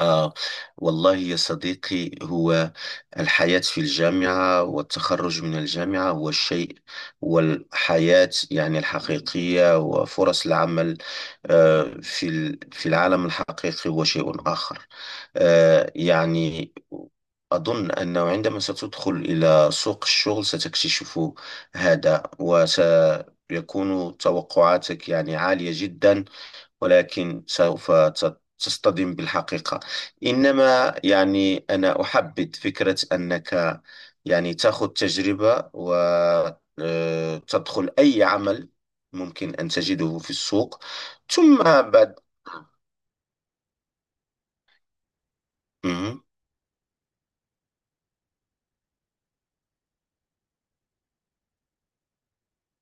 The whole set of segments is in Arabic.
آه والله يا صديقي، هو الحياة في الجامعة والتخرج من الجامعة هو الشيء، والحياة يعني الحقيقية، وفرص العمل في العالم الحقيقي هو شيء آخر. يعني أظن أنه عندما ستدخل إلى سوق الشغل ستكتشف هذا، وسيكون توقعاتك يعني عالية جدا، ولكن سوف تصطدم بالحقيقة. إنما يعني أنا أحبذ فكرة أنك يعني تأخذ تجربة، وتدخل أي عمل ممكن أن تجده في السوق، ثم بعد. مهم.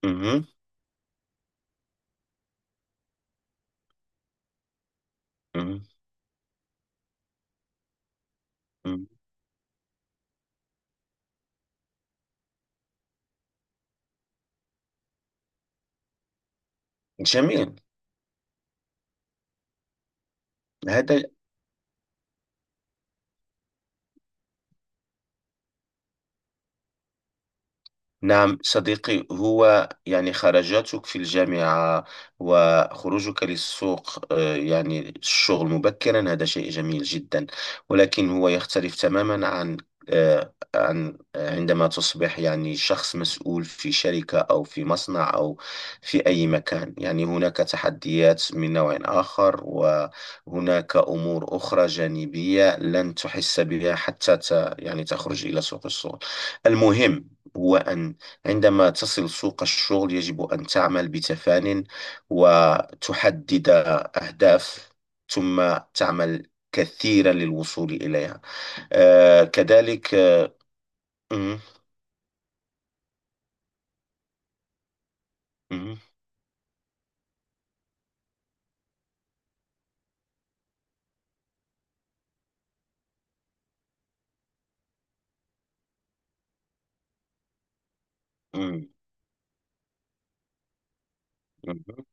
مهم. مهم. مهم. جميل. هذا. نعم صديقي، هو يعني خرجاتك في الجامعة وخروجك للسوق يعني الشغل مبكرا هذا شيء جميل جدا، ولكن هو يختلف تماما عن، عندما تصبح يعني شخص مسؤول في شركة أو في مصنع أو في أي مكان، يعني هناك تحديات من نوع آخر، وهناك أمور أخرى جانبية لن تحس بها حتى يعني تخرج إلى سوق الشغل. المهم هو أن عندما تصل سوق الشغل يجب أن تعمل بتفان، وتحدد أهداف، ثم تعمل كثيرا للوصول إليها. آه كذلك آه، مم، مم، مم، مم.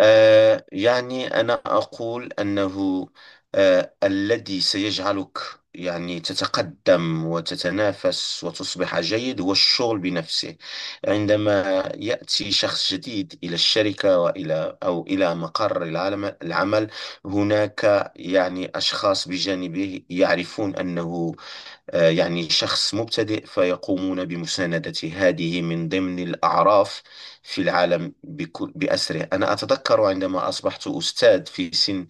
يعني أنا أقول أنه الذي سيجعلك يعني تتقدم وتتنافس وتصبح جيد هو الشغل بنفسه. عندما يأتي شخص جديد إلى الشركة، وإلى أو إلى مقر العمل، هناك يعني أشخاص بجانبه يعرفون أنه، يعني شخص مبتدئ، فيقومون بمساندته، هذه من ضمن الأعراف في العالم بأسره. أنا أتذكر عندما أصبحت أستاذ في سن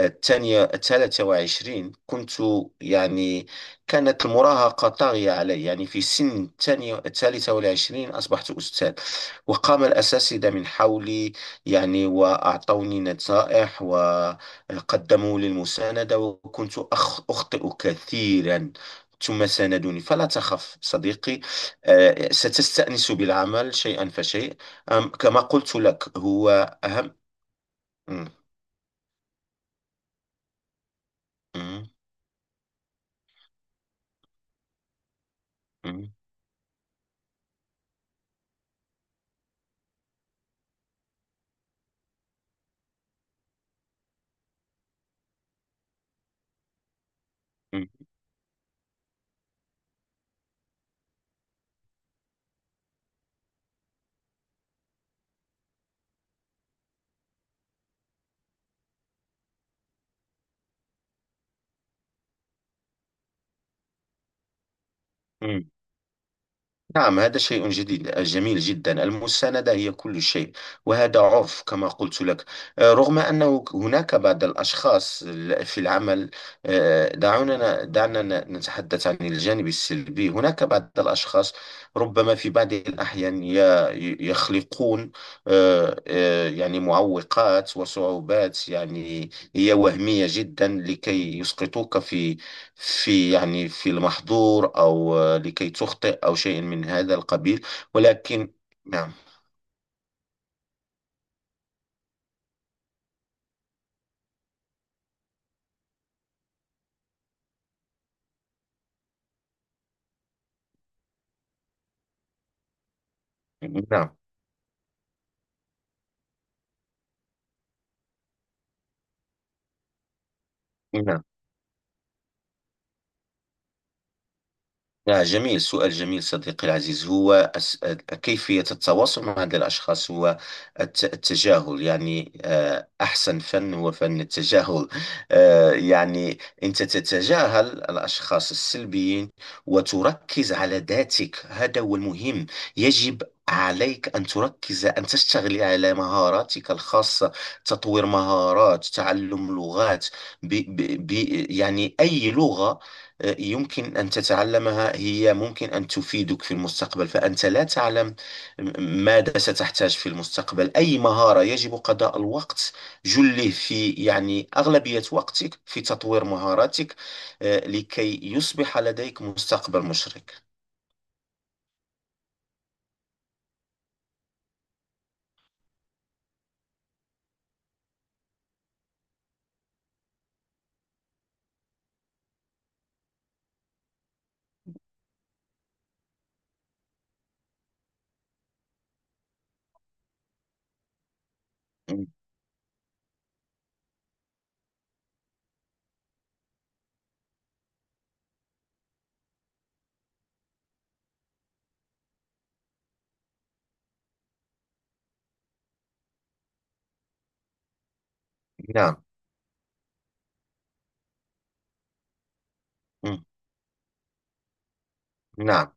الثانية الثالثة وعشرين، كنت يعني كانت المراهقة طاغية علي، يعني في سن الثانية الثالثة والعشرين أصبحت أستاذ، وقام الأساتذة من حولي يعني، وأعطوني نصائح وقدموا لي المساندة، وكنت أخطئ كثيرا، ثم ساندوني، فلا تخف صديقي، ستستأنس بالعمل شيئا فشيء، كما قلت لك هو أهم. م- م- م- م- نعم، هذا شيء جديد جميل جدا، المساندة هي كل شيء، وهذا عرف كما قلت لك. رغم أنه هناك بعض الأشخاص في العمل، دعنا نتحدث عن الجانب السلبي. هناك بعض الأشخاص ربما في بعض الأحيان يخلقون، يعني معوقات وصعوبات، يعني هي وهمية جدا لكي يسقطوك في، يعني في المحظور، أو لكي تخطئ أو شيء من هذا القبيل. ولكن، نعم. نعم. نعم، نعم، جميل، سؤال جميل صديقي العزيز. هو كيفية التواصل مع هذا الأشخاص هو التجاهل، يعني أحسن فن هو فن التجاهل. يعني أنت تتجاهل الأشخاص السلبيين وتركز على ذاتك، هذا هو المهم. يجب عليك أن تركز، أن تشتغل على مهاراتك الخاصة، تطوير مهارات، تعلم لغات. ب ب يعني أي لغة يمكن أن تتعلمها هي ممكن أن تفيدك في المستقبل، فأنت لا تعلم ماذا ستحتاج في المستقبل. أي مهارة يجب قضاء الوقت جله في، يعني أغلبية وقتك في تطوير مهاراتك، لكي يصبح لديك مستقبل مشرق. م- نعم. م- نعم.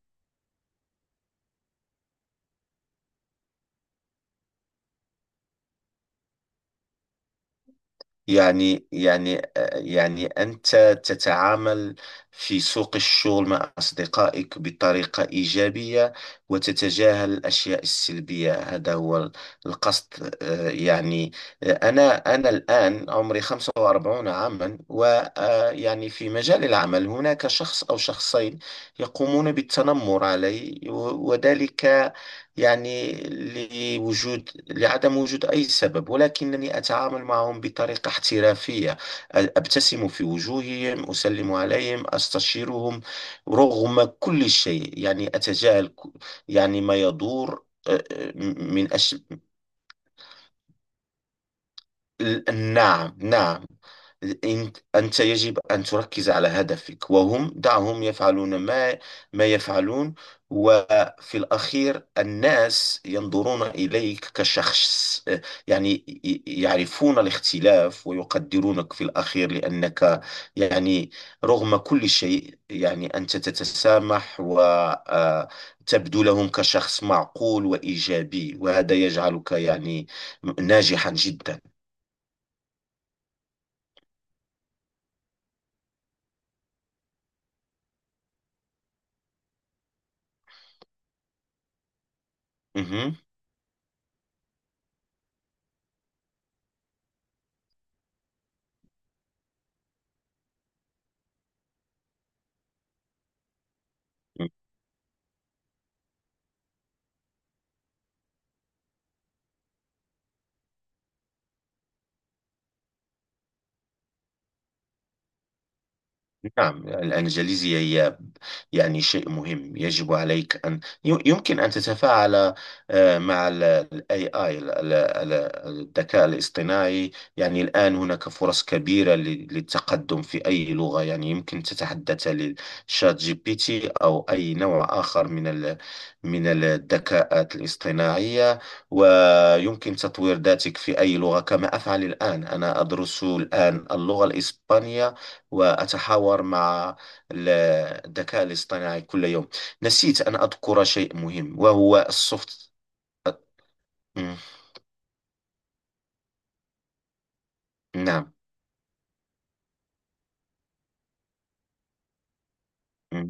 يعني يعني يعني أنت تتعامل في سوق الشغل مع أصدقائك بطريقة إيجابية، وتتجاهل الأشياء السلبية، هذا هو القصد. أنا الآن عمري 45 عاما، ويعني في مجال العمل هناك شخص أو شخصين يقومون بالتنمر علي، وذلك يعني لوجود لعدم وجود أي سبب، ولكنني أتعامل معهم بطريقة احترافية، أبتسم في وجوههم، أسلم عليهم، أستشيرهم، رغم كل شيء يعني أتجاهل، يعني ما يدور. من أش نعم، نعم. أنت يجب أن تركز على هدفك، وهم دعهم يفعلون ما يفعلون، وفي الأخير الناس ينظرون إليك كشخص، يعني يعرفون الاختلاف ويقدرونك في الأخير، لأنك يعني رغم كل شيء يعني أنت تتسامح وتبدو لهم كشخص معقول وإيجابي، وهذا يجعلك يعني ناجحا جدا. مهم. نعم، الإنجليزية هي يعني شيء مهم، يجب عليك أن، يمكن أن تتفاعل مع ال AI، الذكاء الاصطناعي. يعني الآن هناك فرص كبيرة للتقدم في أي لغة، يعني يمكن تتحدث للشات جي بي تي أو أي نوع آخر من من الذكاءات الاصطناعية. ويمكن تطوير ذاتك في أي لغة كما أفعل الآن، أنا أدرس الآن اللغة الإسبانية، وأتحاور مع ال- الذكاء الاصطناعي كل يوم. نسيت أن أذكر شيء مهم، وهو السوفت. مم، نعم. مم،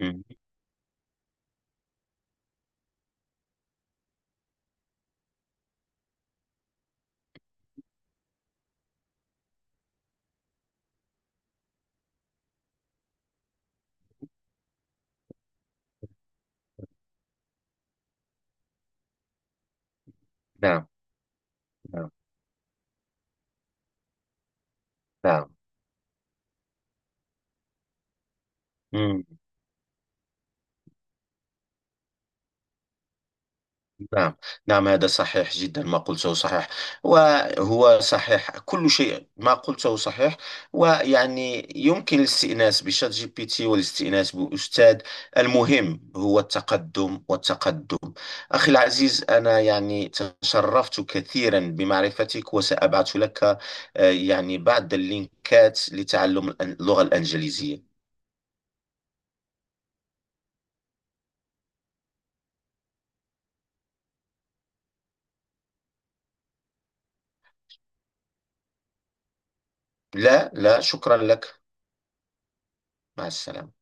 مم، نعم، نعم، نعم. مم. نعم. نعم، هذا صحيح جدا، ما قلته صحيح، وهو صحيح، كل شيء ما قلته صحيح، ويعني يمكن الاستئناس بشات جي بي تي والاستئناس بأستاذ، المهم هو التقدم والتقدم. أخي العزيز، أنا يعني تشرفت كثيرا بمعرفتك، وسأبعث لك يعني بعض اللينكات لتعلم اللغة الإنجليزية. لا، لا، شكرا لك. مع السلامة.